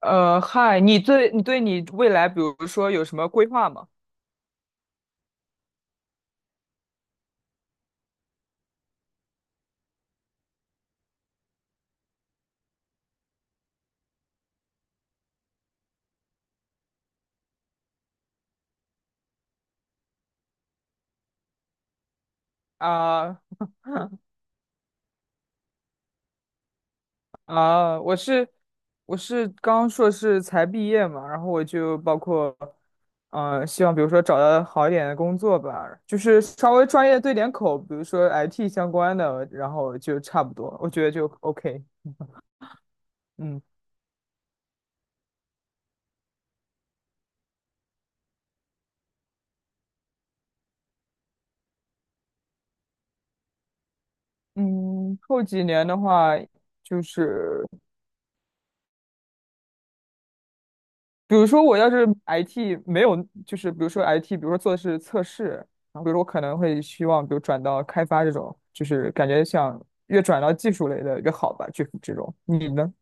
嗨，你对你未来，比如说有什么规划吗？啊、啊，我是我是刚硕士才毕业嘛，然后我就包括，希望比如说找到好一点的工作吧，就是稍微专业对点口，比如说 IT 相关的，然后就差不多，我觉得就 OK。嗯嗯，后几年的话，就是比如说我要是 IT 没有，就是比如说 IT,比如说做的是测试，然后比如说我可能会希望，比如转到开发这种，就是感觉想越转到技术类的越好吧，就是这种。你呢？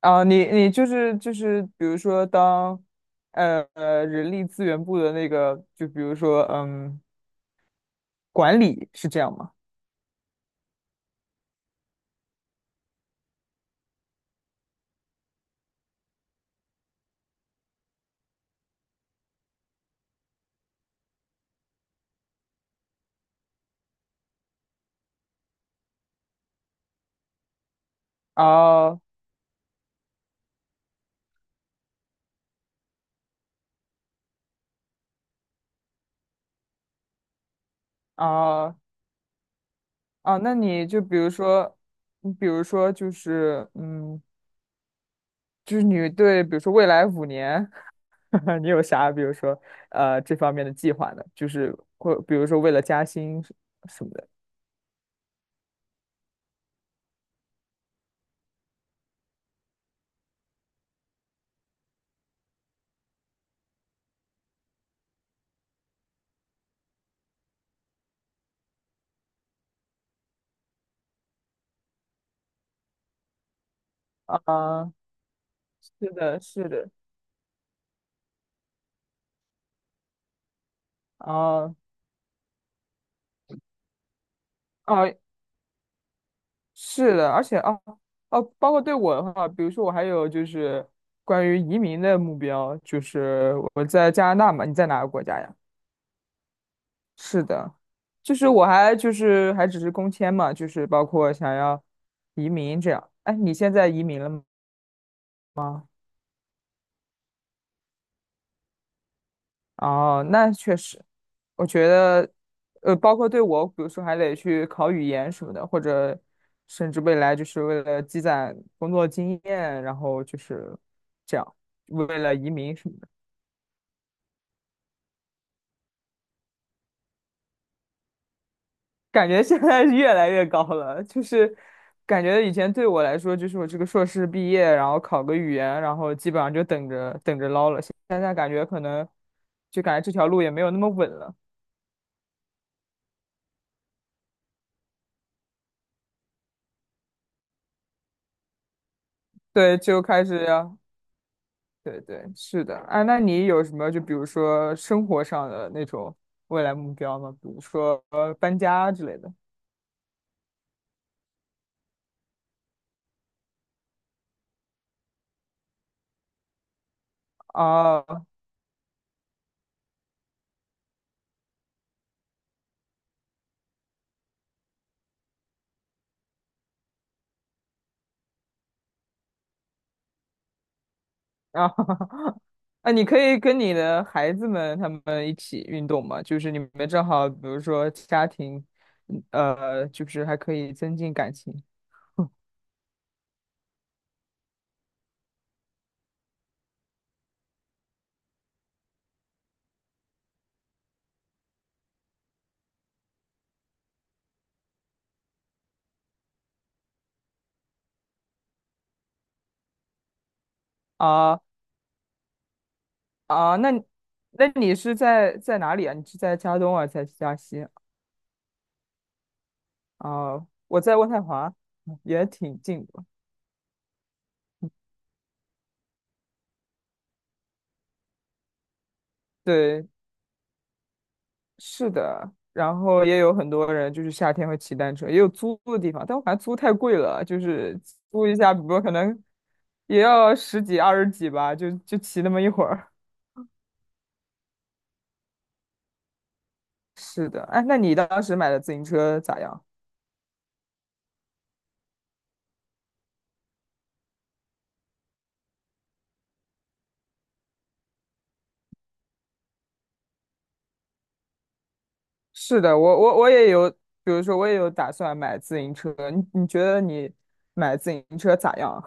啊，你就是比如说当人力资源部的那个，就比如说管理是这样吗？啊啊啊，那你就比如说，你比如说就是你对比如说未来五年。你有啥比如说这方面的计划呢？就是或比如说为了加薪什么的。啊，是的，是的，啊啊，是的，而且啊，哦，包括对我的话，比如说我还有就是关于移民的目标，就是我在加拿大嘛，你在哪个国家呀？是的，就是我还还只是工签嘛，就是包括想要移民这样。哎，你现在移民了吗？哦，那确实，我觉得，包括对我，比如说还得去考语言什么的，或者甚至未来就是为了积攒工作经验，然后就是这样，为了移民什么的，感觉现在是越来越高了。就是感觉以前对我来说，就是我这个硕士毕业，然后考个语言，然后基本上就等着捞了。现在感觉可能就感觉这条路也没有那么稳了，对，就开始。要。对对，是的啊。那你有什么就比如说生活上的那种未来目标吗？比如说搬家之类的。啊啊 啊！你可以跟你的孩子们他们一起运动嘛，就是你们正好，比如说家庭，就是还可以增进感情。啊啊。那你是在哪里啊？你是在加东啊，在加西啊？我在渥太华，也挺近的。对，是的，然后也有很多人就是夏天会骑单车，也有租的地方，但我感觉租太贵了，就是租一下，比如说可能也要十几二十几吧，就骑那么一会儿。是的，哎，那你当时买的自行车咋样？是的，我也有，比如说我也有打算买自行车，你觉得你买自行车咋样？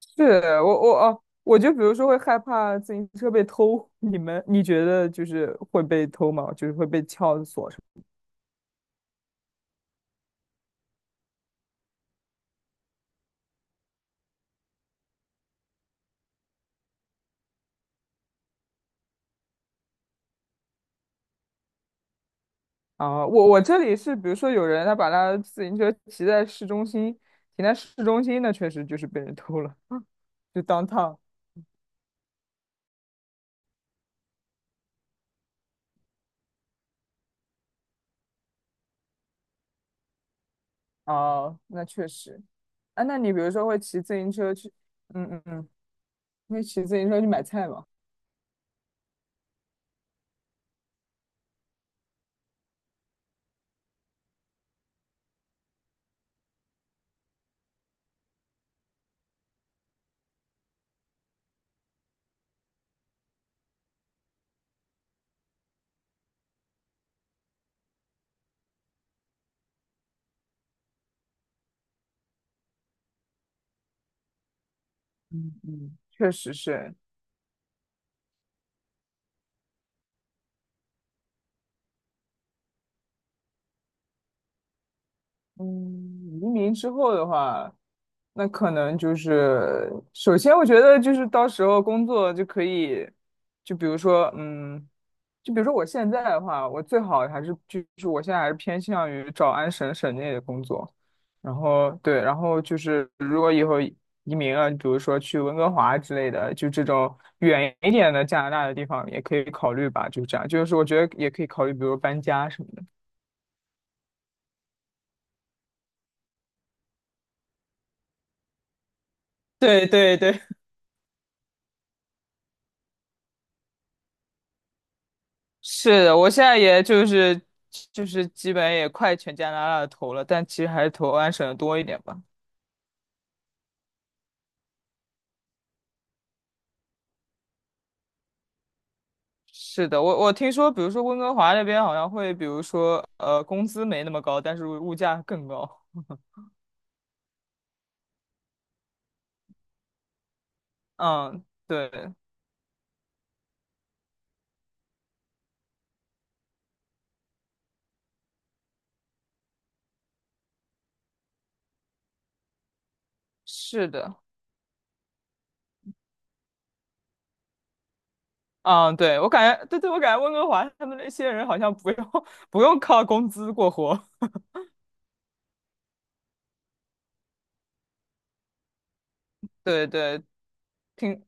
是我我哦，我就比如说会害怕自行车被偷，你觉得就是会被偷吗？就是会被撬锁？什么？啊，我这里是，比如说有人他把他自行车骑在市中心，停在市中心，那确实就是被人偷了，就 downtown。哦，那确实。啊，那你比如说会骑自行车去，嗯嗯嗯，会骑自行车去买菜吗？嗯嗯，确实是。嗯，移民之后的话，那可能就是，首先我觉得就是到时候工作就可以，就比如说，嗯。就比如说我现在的话，我最好就是我现在还是偏向于找安省省内的工作，然后对，然后就是如果以后移民了，比如说去温哥华之类的，就这种远一点的加拿大的地方也可以考虑吧，就这样，就是我觉得也可以考虑，比如搬家什么的。对对对，是的，我现在也就是就是基本也快全加拿大的投了，但其实还是投安省的多一点吧。是的，我听说，比如说温哥华那边好像会，比如说工资没那么高，但是物价更高。嗯，对，是的，嗯，对，我感觉，对对，我感觉温哥华他们那些人好像不用 不用靠工资过活。对对，听，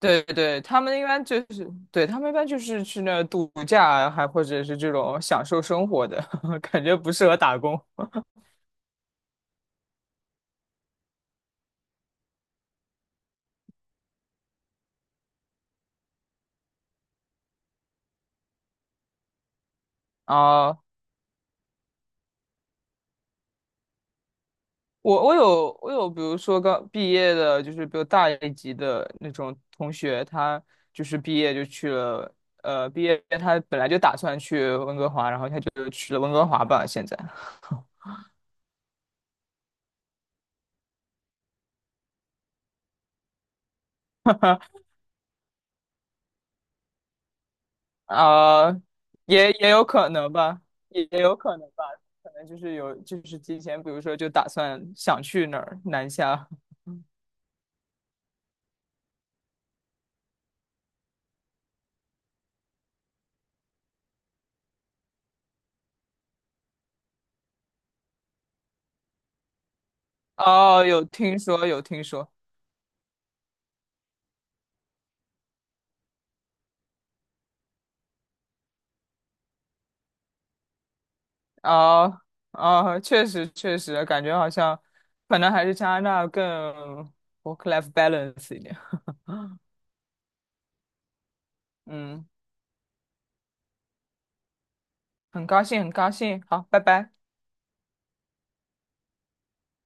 对对，他们一般就是，对，他们一般就是去那儿度假啊，还或者是这种享受生活的，感觉不适合打工。啊。我有，比如说刚毕业的，就是比我大一级的那种同学，他就是毕业就去了，他本来就打算去温哥华，然后他就去了温哥华吧，现在，啊、也有可能吧，也有可能吧，可能就是就是提前，比如说就打算想去哪儿南下，哦，有听说，哦哦，确实，感觉好像可能还是加拿大更 work-life balance 一点。嗯，很高兴，很高兴，好，拜拜。